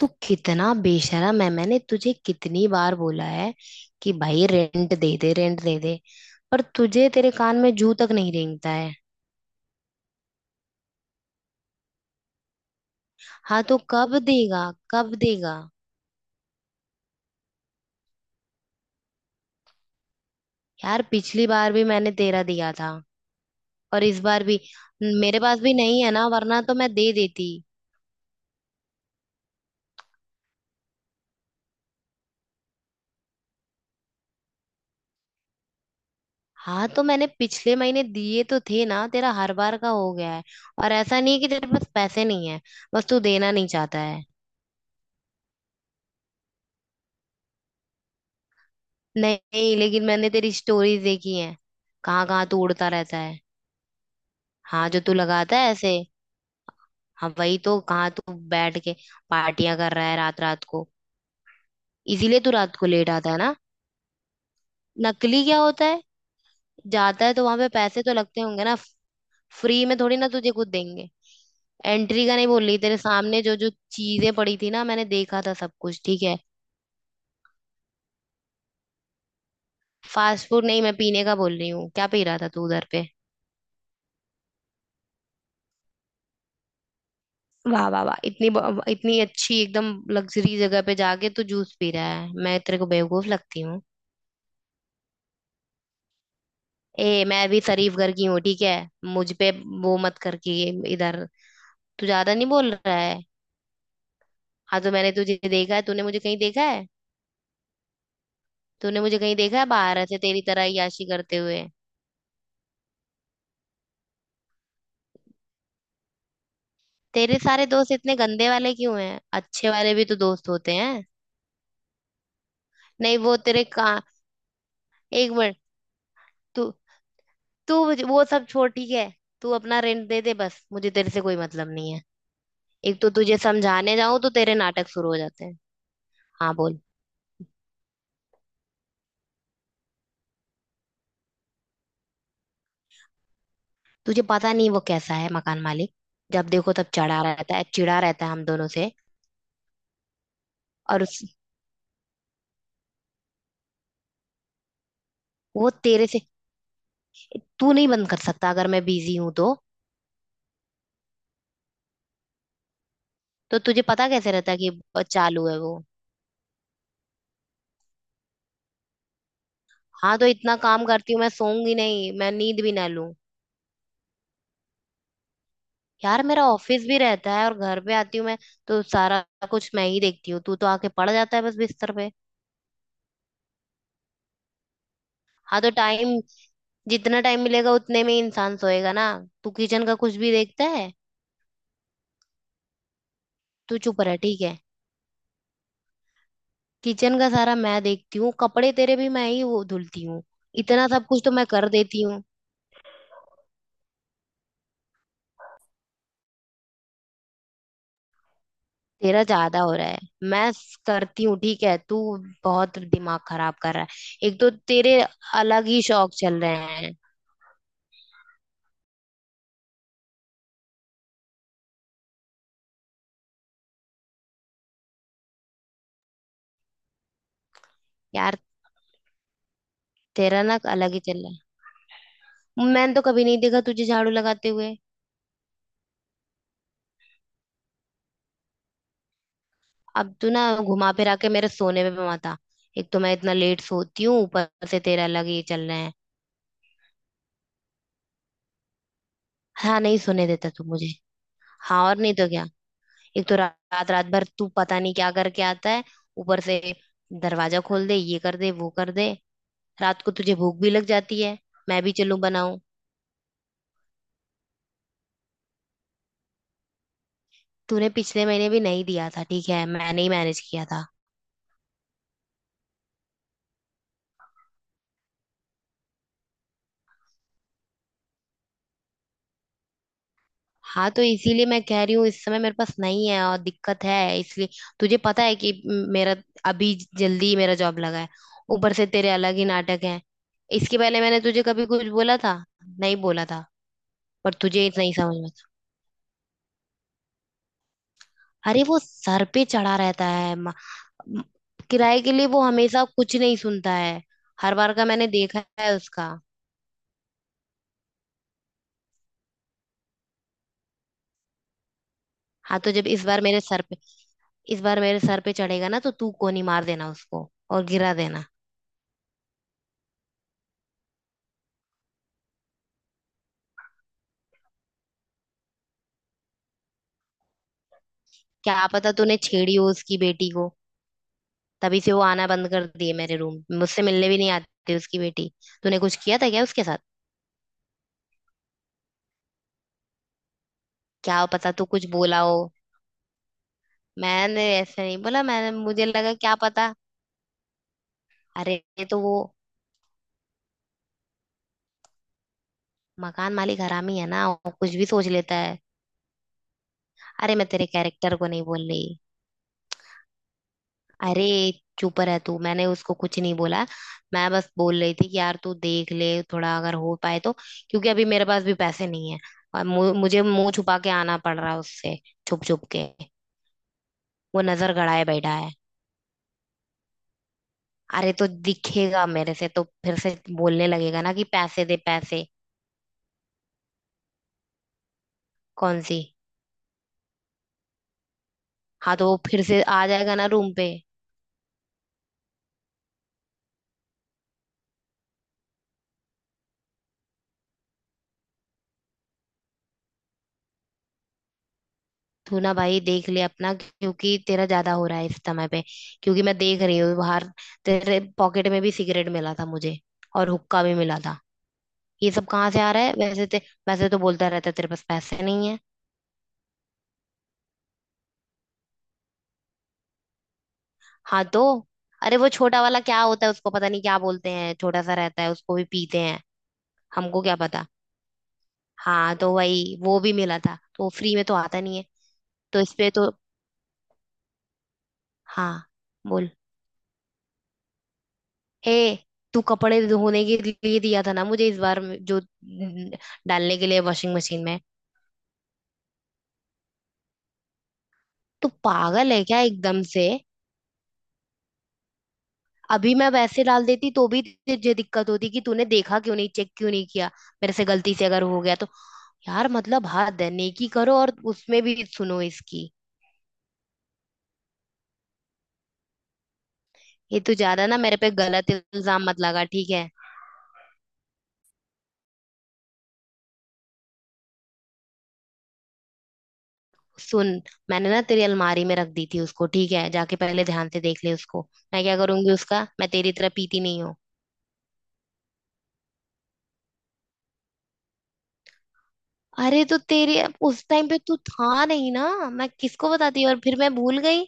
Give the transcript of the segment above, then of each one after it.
तू कितना बेशरम है। मैंने तुझे कितनी बार बोला है कि भाई रेंट दे दे, रेंट दे दे, पर तुझे तेरे कान में जू तक नहीं रेंगता है। हाँ तो कब देगा, कब देगा? यार पिछली बार भी मैंने तेरा दिया था, और इस बार भी। मेरे पास भी नहीं है ना, वरना तो मैं दे देती। हाँ तो मैंने पिछले महीने दिए तो थे ना, तेरा हर बार का हो गया है। और ऐसा नहीं है कि तेरे पास पैसे नहीं है, बस तू देना नहीं चाहता है। नहीं, लेकिन मैंने तेरी स्टोरीज देखी हैं। कहाँ कहाँ तू उड़ता रहता है। हाँ, जो तू लगाता है ऐसे। हाँ वही तो, कहाँ तू बैठ के पार्टियां कर रहा है रात रात को। इसीलिए तू रात को लेट आता है ना। नकली क्या होता है? जाता है तो वहां पे पैसे तो लगते होंगे ना। फ्री में थोड़ी ना तुझे कुछ देंगे। एंट्री का नहीं बोल रही, तेरे सामने जो जो चीजें पड़ी थी ना मैंने देखा था, सब कुछ ठीक है। फास्ट फूड नहीं, मैं पीने का बोल रही हूँ। क्या पी रहा था तू उधर पे? वाह वाह वाह, इतनी इतनी अच्छी एकदम लग्जरी जगह पे जाके तू जूस पी रहा है। मैं तेरे को बेवकूफ लगती हूँ? ए, मैं भी शरीफ घर की हूँ ठीक है। मुझ पे वो मत कर कि इधर। तू ज्यादा नहीं बोल रहा है? हाँ तो मैंने तुझे देखा है? तूने मुझे कहीं देखा है बाहर ऐसे तेरी तरह याशी करते हुए? तेरे सारे दोस्त इतने गंदे वाले क्यों हैं? अच्छे वाले भी तो दोस्त होते हैं। नहीं, वो तेरे का, एक मिनट। तू तू मुझे- वो सब छोड़ ठीक है, तू अपना रेंट दे दे, बस मुझे तेरे से कोई मतलब नहीं है। एक तो तुझे समझाने जाऊं तो तेरे नाटक शुरू हो जाते हैं। हाँ बोल। तुझे पता नहीं वो कैसा है मकान मालिक। जब देखो तब चढ़ा रहता है, चिढ़ा रहता है हम दोनों से। और उस, वो तेरे से, तू नहीं बंद कर सकता अगर मैं बिजी हूं तो? तो तुझे पता कैसे रहता है कि चालू है वो। हाँ तो इतना काम करती हूँ मैं, सोऊंगी नहीं? मैं नींद भी ना लूं? यार मेरा ऑफिस भी रहता है, और घर पे आती हूँ मैं, तो सारा कुछ मैं ही देखती हूँ। तू तो आके पड़ जाता है बस बिस्तर पे। हाँ तो टाइम जितना टाइम मिलेगा उतने में ही इंसान सोएगा ना। तू किचन का कुछ भी देखता है? तू चुप रह ठीक है। किचन का सारा मैं देखती हूँ, कपड़े तेरे भी मैं ही वो धुलती हूँ। इतना सब कुछ तो मैं कर देती हूँ। तेरा ज्यादा हो रहा है। मैं करती हूँ ठीक है, तू बहुत दिमाग खराब कर रहा है। एक तो तेरे अलग ही शौक चल रहे हैं। यार तेरा ना अलग ही चल रहा है, मैंने तो कभी नहीं देखा तुझे झाड़ू लगाते हुए। अब तू ना घुमा फिरा के मेरे सोने में भी मत आ। एक तो मैं इतना लेट सोती हूँ, ऊपर से तेरा अलग ही चल रहा है। हाँ, नहीं सुने देता तू मुझे। हाँ, और नहीं तो क्या। एक तो रात रात भर तू पता नहीं क्या करके आता है। ऊपर से दरवाजा खोल दे, ये कर दे, वो कर दे, रात को तुझे भूख भी लग जाती है। मैं भी चलूं बनाऊं? तूने पिछले महीने भी नहीं दिया था ठीक है, मैंने ही मैनेज किया था। हाँ तो इसीलिए मैं कह रही हूँ इस समय मेरे पास नहीं है, और दिक्कत है इसलिए। तुझे पता है कि मेरा, अभी जल्दी ही मेरा जॉब लगा है, ऊपर से तेरे अलग ही नाटक है। इसके पहले मैंने तुझे कभी कुछ बोला था? नहीं बोला था। पर तुझे नहीं समझ में। अरे वो सर पे चढ़ा रहता है म- किराए के लिए, वो हमेशा कुछ नहीं सुनता है। हर बार का मैंने देखा है उसका। हाँ तो जब इस बार मेरे सर पे इस बार मेरे सर पे चढ़ेगा ना, तो तू कोनी मार देना उसको और गिरा देना। क्या पता तूने छेड़ी हो उसकी बेटी को, तभी से वो आना बंद कर दी है मेरे रूम, मुझसे मिलने भी नहीं आती उसकी बेटी। तूने कुछ किया था क्या उसके साथ? क्या पता तू कुछ बोला हो। मैंने ऐसे नहीं बोला, मैंने, मुझे लगा क्या पता। अरे ये तो वो मकान मालिक हरामी है ना, वो कुछ भी सोच लेता है। अरे मैं तेरे कैरेक्टर को नहीं बोल रही। अरे चुप रह तू, मैंने उसको कुछ नहीं बोला। मैं बस बोल रही थी कि यार तू देख ले थोड़ा अगर हो पाए तो, क्योंकि अभी मेरे पास भी पैसे नहीं है। और मुझे मुंह छुपा के आना पड़ रहा है उससे, छुप छुप के। वो नजर गड़ाए बैठा है, अरे तो दिखेगा मेरे से तो फिर से बोलने लगेगा ना कि पैसे दे पैसे। कौन सी? हाँ तो वो फिर से आ जाएगा ना रूम पे। तू ना भाई देख ले अपना, क्योंकि तेरा ज्यादा हो रहा है इस समय पे। क्योंकि मैं देख रही हूँ बाहर तेरे पॉकेट में भी सिगरेट मिला था मुझे, और हुक्का भी मिला था। ये सब कहाँ से आ रहा है? वैसे वैसे तो बोलता रहता है तेरे पास पैसे नहीं है। हाँ तो, अरे वो छोटा वाला क्या होता है, उसको पता नहीं क्या बोलते हैं, छोटा सा रहता है, उसको भी पीते हैं। हमको क्या पता। हाँ तो वही, वो भी मिला था, तो फ्री में तो आता नहीं है। तो इस पे तो, हाँ बोल। ए, तू कपड़े धोने के लिए दिया था ना मुझे, इस बार में- जो न- डालने के लिए वॉशिंग मशीन में। तू पागल है क्या एकदम से? अभी मैं वैसे डाल देती तो भी तुझे दिक्कत होती कि तूने देखा क्यों नहीं, चेक क्यों नहीं किया? मेरे से गलती से अगर हो गया तो? यार मतलब हद है, नेकी करो और उसमें भी सुनो इसकी। ये तू ज्यादा ना मेरे पे गलत इल्जाम मत लगा ठीक है। सुन, मैंने ना तेरी अलमारी में रख दी थी उसको ठीक है, जाके पहले ध्यान से देख ले उसको। मैं क्या करूंगी उसका, मैं तेरी तरह पीती नहीं हूँ। अरे तो तेरे उस टाइम पे तू था नहीं ना, मैं किसको बताती, और फिर मैं भूल गई।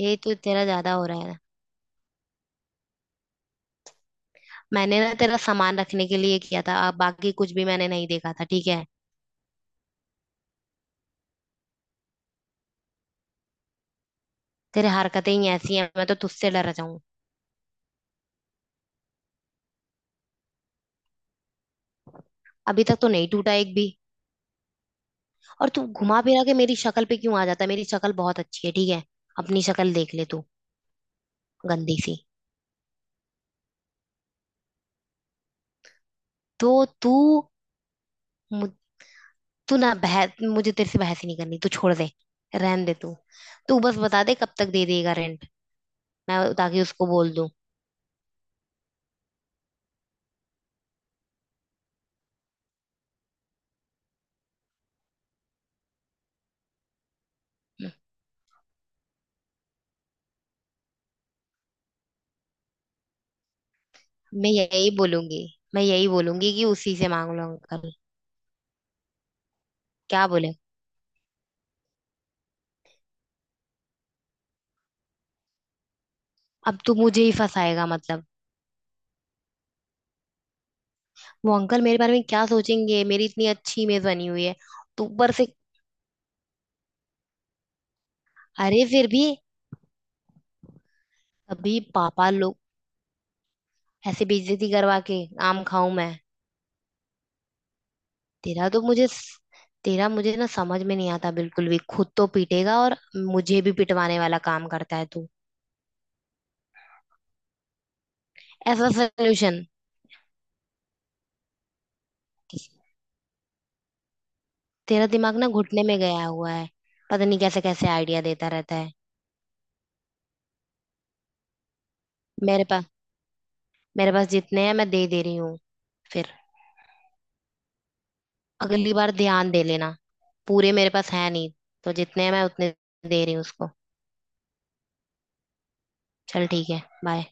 ये तो तेरा ज्यादा हो रहा है ना। मैंने ना तेरा सामान रखने के लिए किया था, अब बाकी कुछ भी मैंने नहीं देखा था ठीक है। तेरे हरकतें ही ऐसी हैं, मैं तो तुझसे डर जाऊं। अभी तक तो नहीं टूटा एक भी। और तू घुमा फिरा के मेरी शक्ल पे क्यों आ जाता है, मेरी शक्ल बहुत अच्छी है ठीक है। अपनी शक्ल देख ले तू, गंदी सी। तो तू मु- तू ना बहस, मुझे तेरे से बहस ही नहीं करनी, तू छोड़ दे, रहन दे तू। तू बस बता दे कब तक दे देगा रेंट, मैं ताकि उसको बोल दूं। मैं यही बोलूंगी, मैं यही बोलूंगी कि उसी से मांग लो अंकल। क्या बोले? अब तो मुझे ही फंसाएगा मतलब। वो अंकल मेरे बारे में क्या सोचेंगे, मेरी इतनी अच्छी इमेज बनी हुई है। तो ऊपर से, अरे फिर भी अभी पापा लोग, ऐसे बेइज्जती करवा के आम खाऊं मैं? तेरा तो मुझे तेरा मुझे ना समझ में नहीं आता बिल्कुल भी, खुद तो पीटेगा और मुझे भी पिटवाने वाला काम करता है तू। ऐसा सोल्यूशन। तेरा दिमाग ना घुटने में गया हुआ है, पता नहीं कैसे कैसे आइडिया देता रहता है। मेरे पास मेरे पास जितने हैं मैं दे दे रही हूँ फिर। अगली बार ध्यान दे लेना। पूरे मेरे पास है नहीं, तो जितने हैं मैं उतने दे रही हूँ उसको। चल ठीक है, बाय।